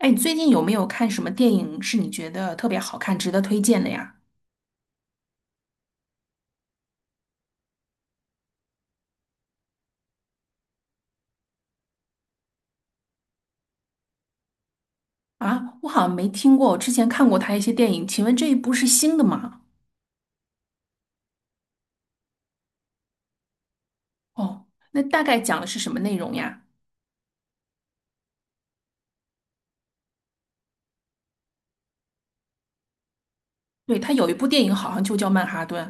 哎，你最近有没有看什么电影是你觉得特别好看、值得推荐的呀？啊，我好像没听过，我之前看过他一些电影，请问这一部是新的吗？哦，那大概讲的是什么内容呀？对，他有一部电影好像就叫《曼哈顿》。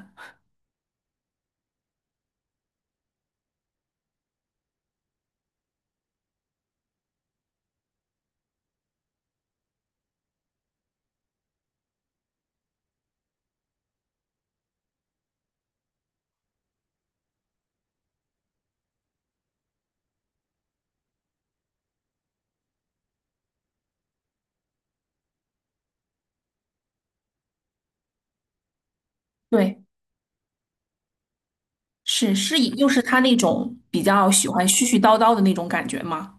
对，是以，又是他那种比较喜欢絮絮叨叨的那种感觉吗？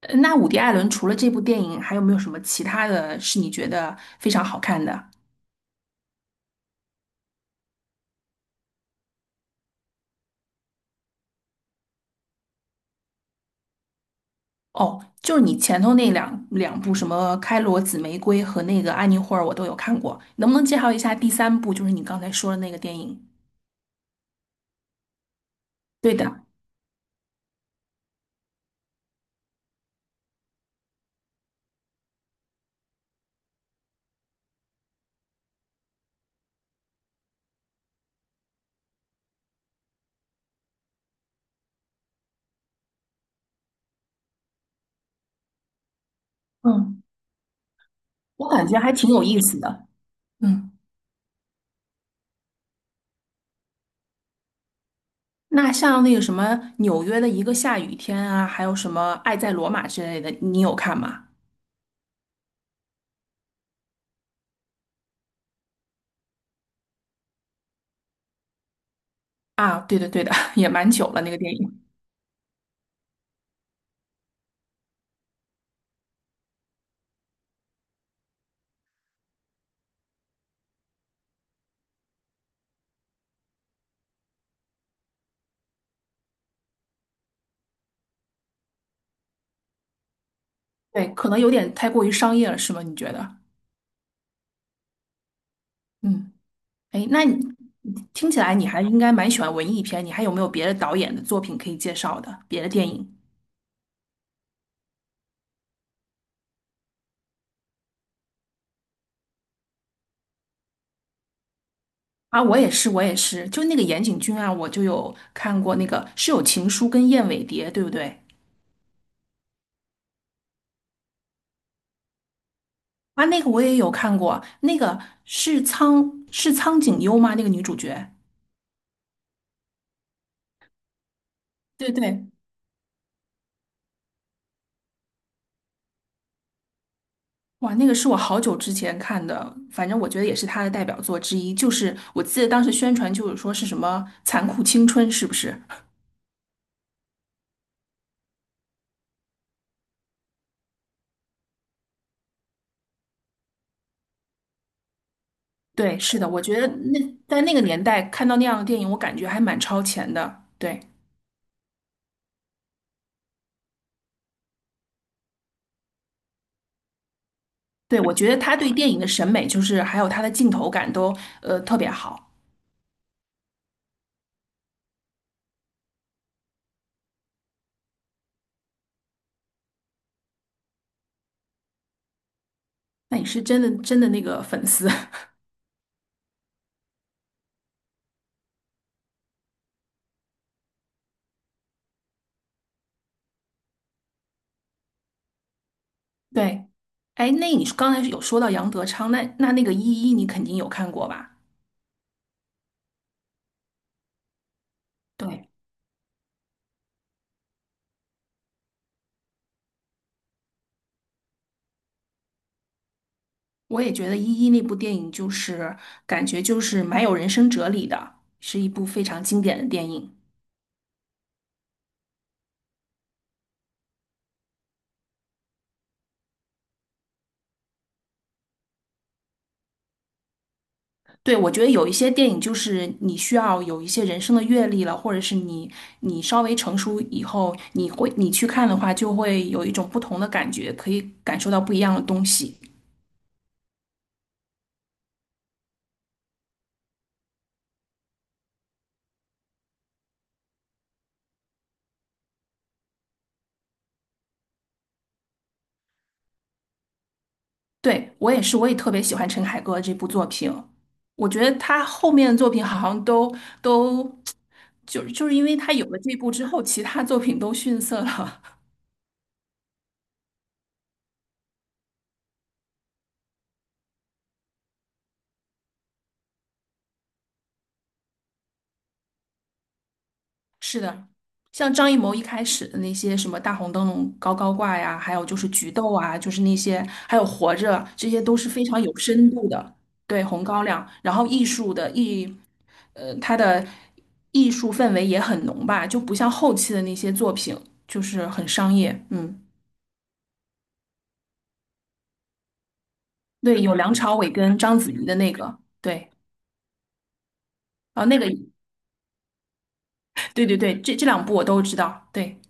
那伍迪·艾伦除了这部电影，还有没有什么其他的是你觉得非常好看的？哦，就是你前头那两部什么《开罗紫玫瑰》和那个《安妮霍尔》，我都有看过。能不能介绍一下第三部，就是你刚才说的那个电影？对的，嗯，我感觉还挺有意思的。嗯，那像那个什么纽约的一个下雨天啊，还有什么《爱在罗马》之类的，你有看吗？啊，对的对的，也蛮久了那个电影。对，可能有点太过于商业了，是吗？你觉得？嗯。哎，那你听起来你还应该蛮喜欢文艺片，你还有没有别的导演的作品可以介绍的？别的电影。啊，我也是，我也是，就那个岩井俊啊，我就有看过那个是有《情书》跟《燕尾蝶》，对不对？啊，那个我也有看过，那个是苍井优吗？那个女主角？对对。哇，那个是我好久之前看的，反正我觉得也是她的代表作之一，就是我记得当时宣传就是说是什么残酷青春，是不是？对，是的，我觉得那在那个年代看到那样的电影，我感觉还蛮超前的。对，对，我觉得他对电影的审美，就是还有他的镜头感都特别好。那你是真的真的那个粉丝，对。哎，那你刚才有说到杨德昌，那那个《一一》你肯定有看过吧？对，我也觉得《一一》那部电影就是感觉就是蛮有人生哲理的，是一部非常经典的电影。对，我觉得有一些电影就是你需要有一些人生的阅历了，或者是你稍微成熟以后，你去看的话，就会有一种不同的感觉，可以感受到不一样的东西。对，我也是，我也特别喜欢陈凯歌这部作品。我觉得他后面的作品好像都都 就是因为他有了这部之后，其他作品都逊色了。是的，像张艺谋一开始的那些什么大红灯笼高高挂呀，还有就是菊豆啊，就是那些，还有活着，这些都是非常有深度的。对，红高粱，然后艺术的艺，他的艺术氛围也很浓吧，就不像后期的那些作品，就是很商业。嗯，对，有梁朝伟跟章子怡的那个。对。啊，那个，对对对，这两部我都知道。对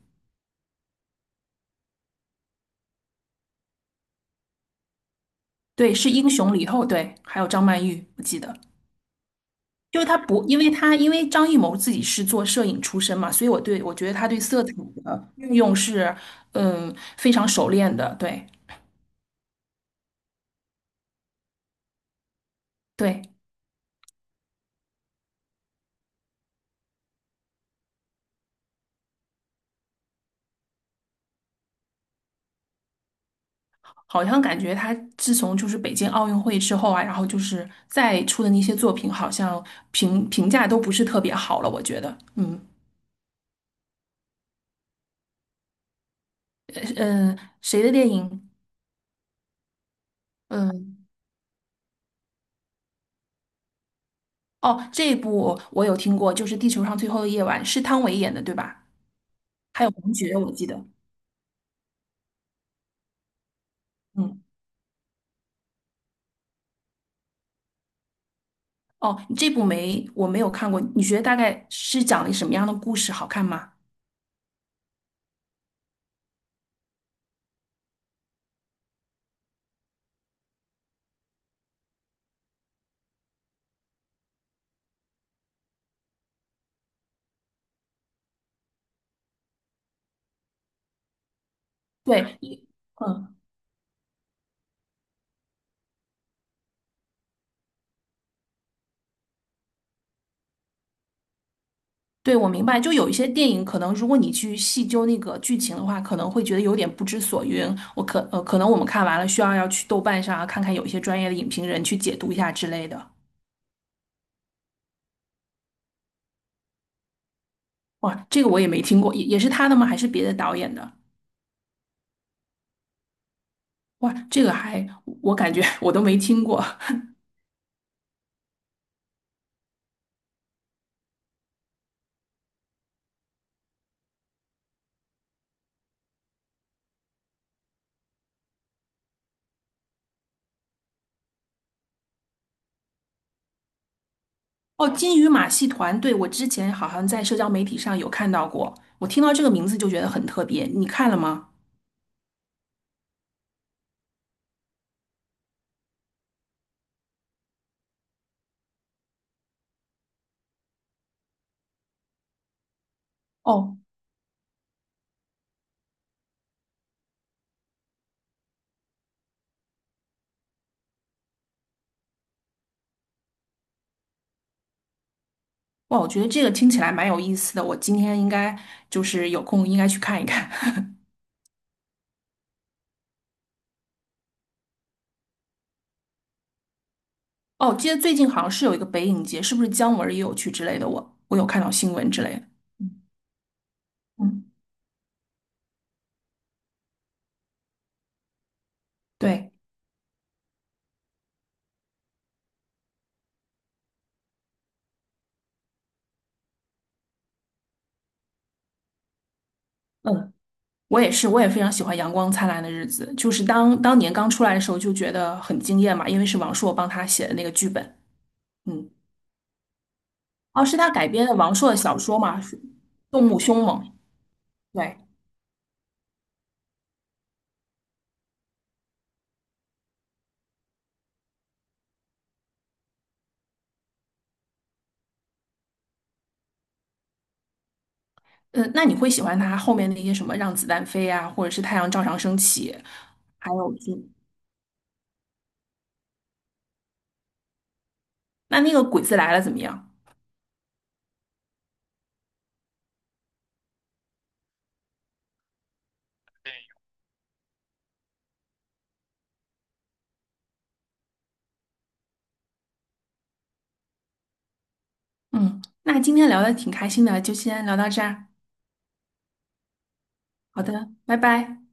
对，是英雄里以后，对，还有张曼玉，我记得。就是他不，因为张艺谋自己是做摄影出身嘛，所以我觉得他对色彩的运用是，嗯，非常熟练的。对对，好像感觉他自从就是北京奥运会之后啊，然后就是再出的那些作品，好像评价都不是特别好了。我觉得，嗯。嗯，谁的电影？嗯。哦，这一部我有听过，就是《地球上最后的夜晚》，是汤唯演的，对吧？还有王珏，我记得。嗯。哦，这部没，我没有看过。你觉得大概是讲了什么样的故事？好看吗？对，嗯，对，我明白。就有一些电影，可能如果你去细究那个剧情的话，可能会觉得有点不知所云。可能我们看完了，要去豆瓣上啊，看看有一些专业的影评人去解读一下之类的。哇，这个我也没听过，也是他的吗？还是别的导演的？哇，这个还我感觉 我都没听过。哦，金鱼马戏团，对，我之前好像在社交媒体上有看到过，我听到这个名字就觉得很特别，你看了吗？哦。哇，我觉得这个听起来蛮有意思的，我今天应该就是有空应该去看一看。哦，记得最近好像是有一个北影节，是不是姜文儿也有去之类的？我有看到新闻之类的。嗯，嗯对，嗯，我也是，我也非常喜欢《阳光灿烂的日子》，就是当年刚出来的时候就觉得很惊艳嘛，因为是王朔帮他写的那个剧本。嗯。哦，是他改编的王朔的小说吗？是《动物凶猛》。对，嗯，那你会喜欢他后面那些什么《让子弹飞》啊，或者是《太阳照常升起》，还有就那个《鬼子来了》怎么样？嗯，那今天聊的挺开心的，就先聊到这儿。好的，拜拜。